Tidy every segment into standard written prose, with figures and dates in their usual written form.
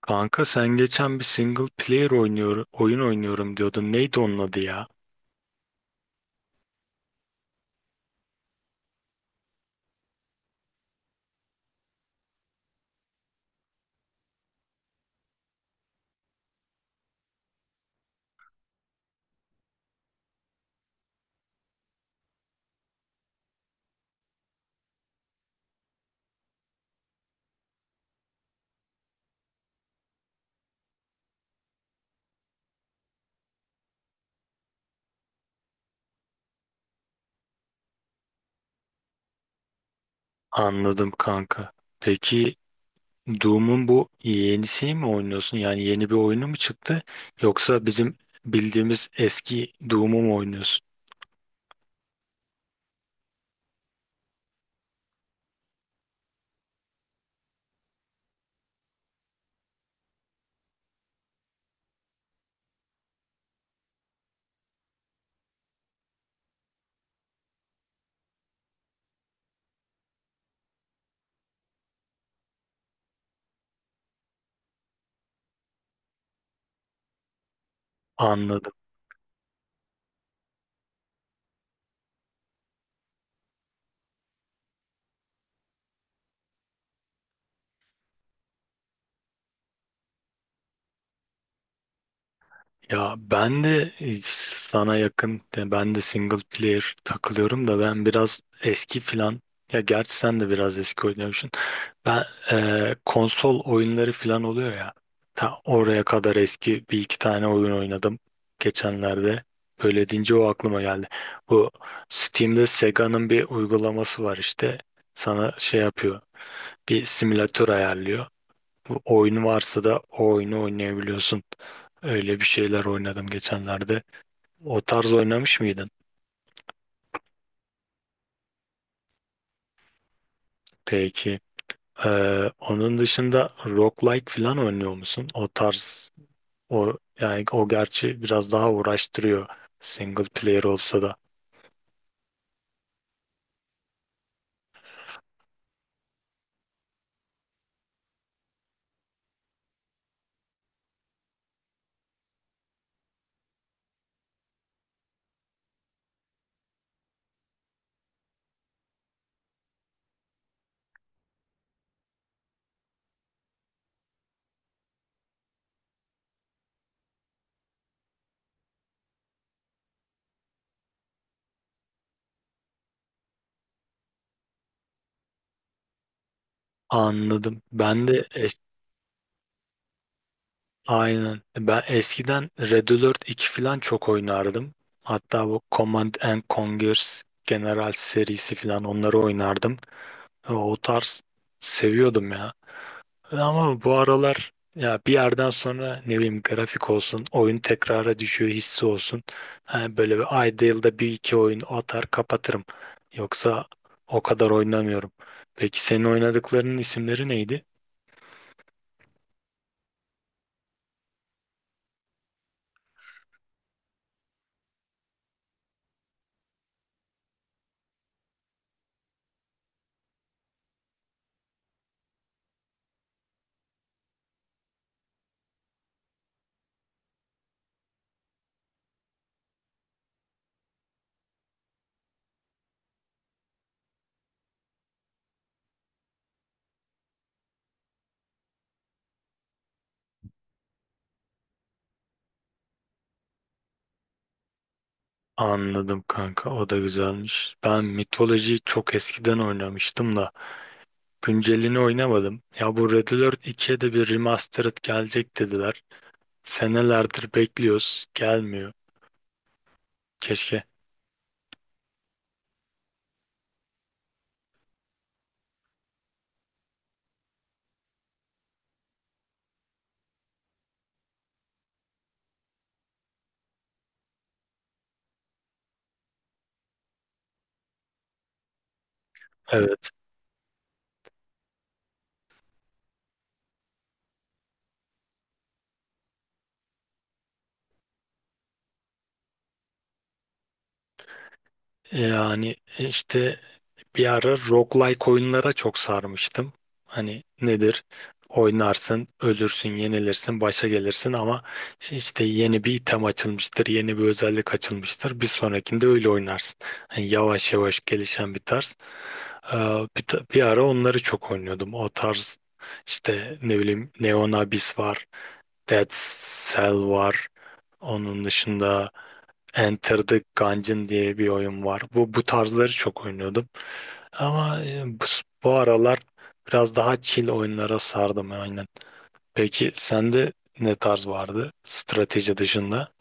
Kanka sen geçen bir single player oynuyor, oyun oynuyorum diyordun. Neydi onun adı ya? Anladım kanka. Peki Doom'un bu yenisini mi oynuyorsun? Yani yeni bir oyunu mu çıktı? Yoksa bizim bildiğimiz eski Doom'u mu oynuyorsun? Anladım. Ya ben de sana yakın, yani ben de single player takılıyorum da ben biraz eski filan. Ya gerçi sen de biraz eski oynuyormuşsun. Ben konsol oyunları filan oluyor ya. Ta oraya kadar eski bir iki tane oyun oynadım geçenlerde. Böyle deyince o aklıma geldi. Bu Steam'de Sega'nın bir uygulaması var işte. Sana şey yapıyor. Bir simülatör ayarlıyor. Bu oyunu varsa da o oyunu oynayabiliyorsun. Öyle bir şeyler oynadım geçenlerde. O tarz oynamış mıydın? Peki. Ee, Onun dışında roguelike falan oynuyor musun? O tarz o, yani o gerçi biraz daha uğraştırıyor single player olsa da. Anladım. Aynen. Ben eskiden Red Alert 2 falan çok oynardım. Hatta bu Command and Conquer General serisi falan, onları oynardım. Ha, o tarz seviyordum ya. Ama bu aralar ya bir yerden sonra ne bileyim grafik olsun, oyun tekrara düşüyor hissi olsun. Ha, böyle bir ayda yılda bir iki oyun atar kapatırım. Yoksa o kadar oynamıyorum. Peki senin oynadıklarının isimleri neydi? Anladım kanka, o da güzelmiş. Ben mitolojiyi çok eskiden oynamıştım da güncelini oynamadım. Ya bu Red Alert 2'ye de bir remastered gelecek dediler. Senelerdir bekliyoruz, gelmiyor. Keşke. Evet. Yani işte bir ara roguelike oyunlara çok sarmıştım. Hani nedir? Oynarsın, ölürsün, yenilirsin, başa gelirsin ama işte işte yeni bir item açılmıştır, yeni bir özellik açılmıştır. Bir sonrakinde öyle oynarsın. Hani yavaş yavaş gelişen bir tarz. Ee, Bir ara onları çok oynuyordum. O tarz işte ne bileyim Neon Abyss var, Dead Cell var. Onun dışında Enter the Gungeon diye bir oyun var. Bu tarzları çok oynuyordum. Ama bu aralar biraz daha chill oyunlara sardım aynen. Peki sende ne tarz vardı strateji dışında?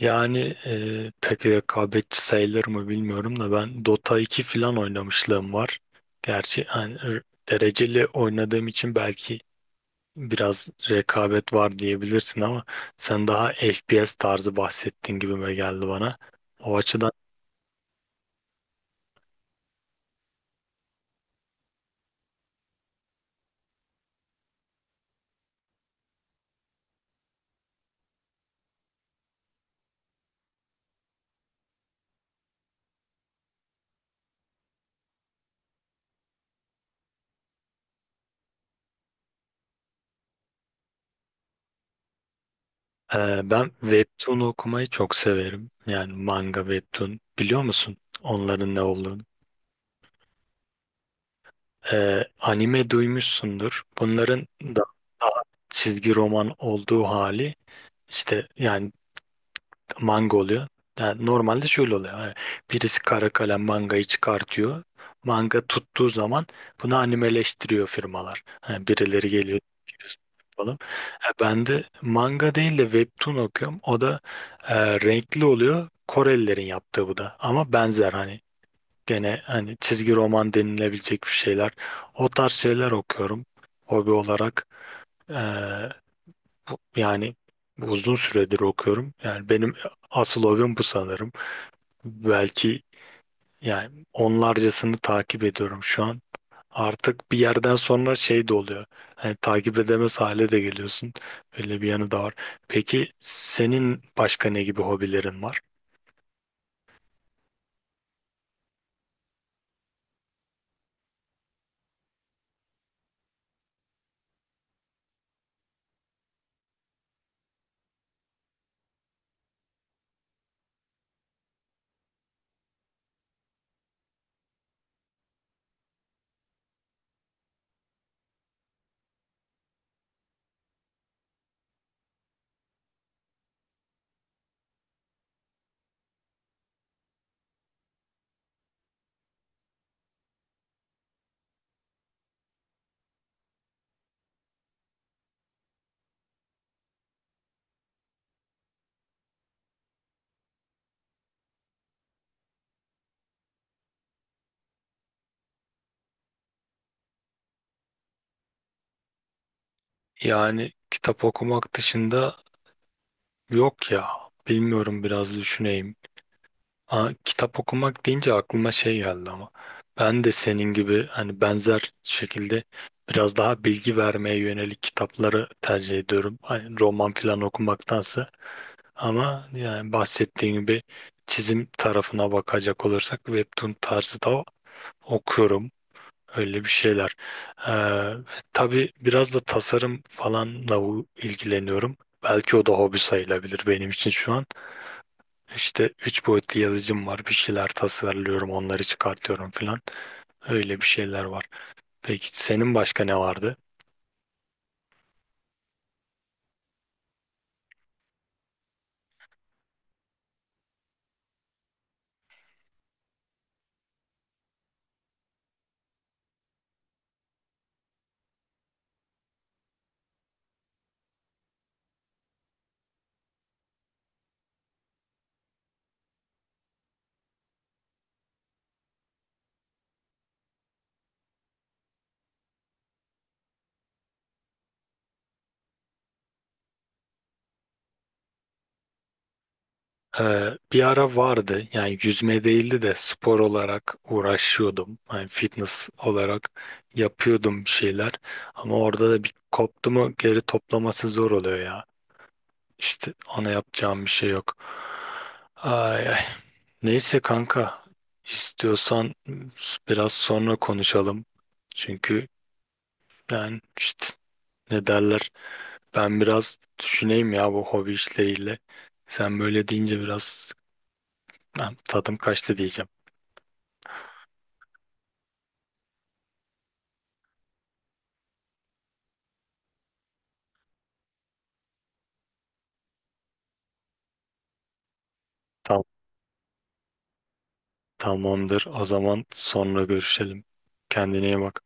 Yani pek rekabetçi sayılır mı bilmiyorum da ben Dota iki falan oynamışlığım var. Gerçi hani, dereceli oynadığım için belki biraz rekabet var diyebilirsin ama sen daha FPS tarzı bahsettiğin gibime geldi bana. O açıdan ben webtoon okumayı çok severim. Yani manga webtoon. Biliyor musun onların ne olduğunu? Anime duymuşsundur. Bunların da daha çizgi roman olduğu hali işte, yani manga oluyor. Yani normalde şöyle oluyor. Hani birisi kara kalem mangayı çıkartıyor. Manga tuttuğu zaman bunu animeleştiriyor firmalar. Hani birileri geliyor, "Biz yapalım." Ben de manga değil de webtoon okuyorum. O da renkli oluyor. Korelilerin yaptığı bu da. Ama benzer, hani gene hani çizgi roman denilebilecek bir şeyler. O tarz şeyler okuyorum hobi olarak. E, Yani uzun süredir okuyorum. Yani benim asıl hobim bu sanırım. Belki, yani onlarcasını takip ediyorum şu an. Artık bir yerden sonra şey de oluyor. Hani takip edemez hale de geliyorsun. Böyle bir yanı da var. Peki senin başka ne gibi hobilerin var? Yani kitap okumak dışında yok ya. Bilmiyorum, biraz düşüneyim. Aa, kitap okumak deyince aklıma şey geldi ama ben de senin gibi hani benzer şekilde biraz daha bilgi vermeye yönelik kitapları tercih ediyorum. Hani roman falan okumaktansa. Ama yani bahsettiğim gibi çizim tarafına bakacak olursak webtoon tarzı da okuyorum. Öyle bir şeyler. Ee, tabii biraz da tasarım falanla ilgileniyorum. Belki o da hobi sayılabilir benim için şu an. İşte üç boyutlu yazıcım var. Bir şeyler tasarlıyorum, onları çıkartıyorum falan. Öyle bir şeyler var. Peki senin başka ne vardı? Bir ara vardı. Yani yüzme değildi de spor olarak uğraşıyordum. Yani fitness olarak yapıyordum bir şeyler. Ama orada da bir koptu mu geri toplaması zor oluyor ya. İşte ona yapacağım bir şey yok. Ay, ay. Neyse kanka, istiyorsan biraz sonra konuşalım. Çünkü ben işte, ne derler, ben biraz düşüneyim ya bu hobi işleriyle. Sen böyle deyince biraz ben tadım kaçtı diyeceğim. Tamam, tamamdır o zaman, sonra görüşelim. Kendine iyi bak.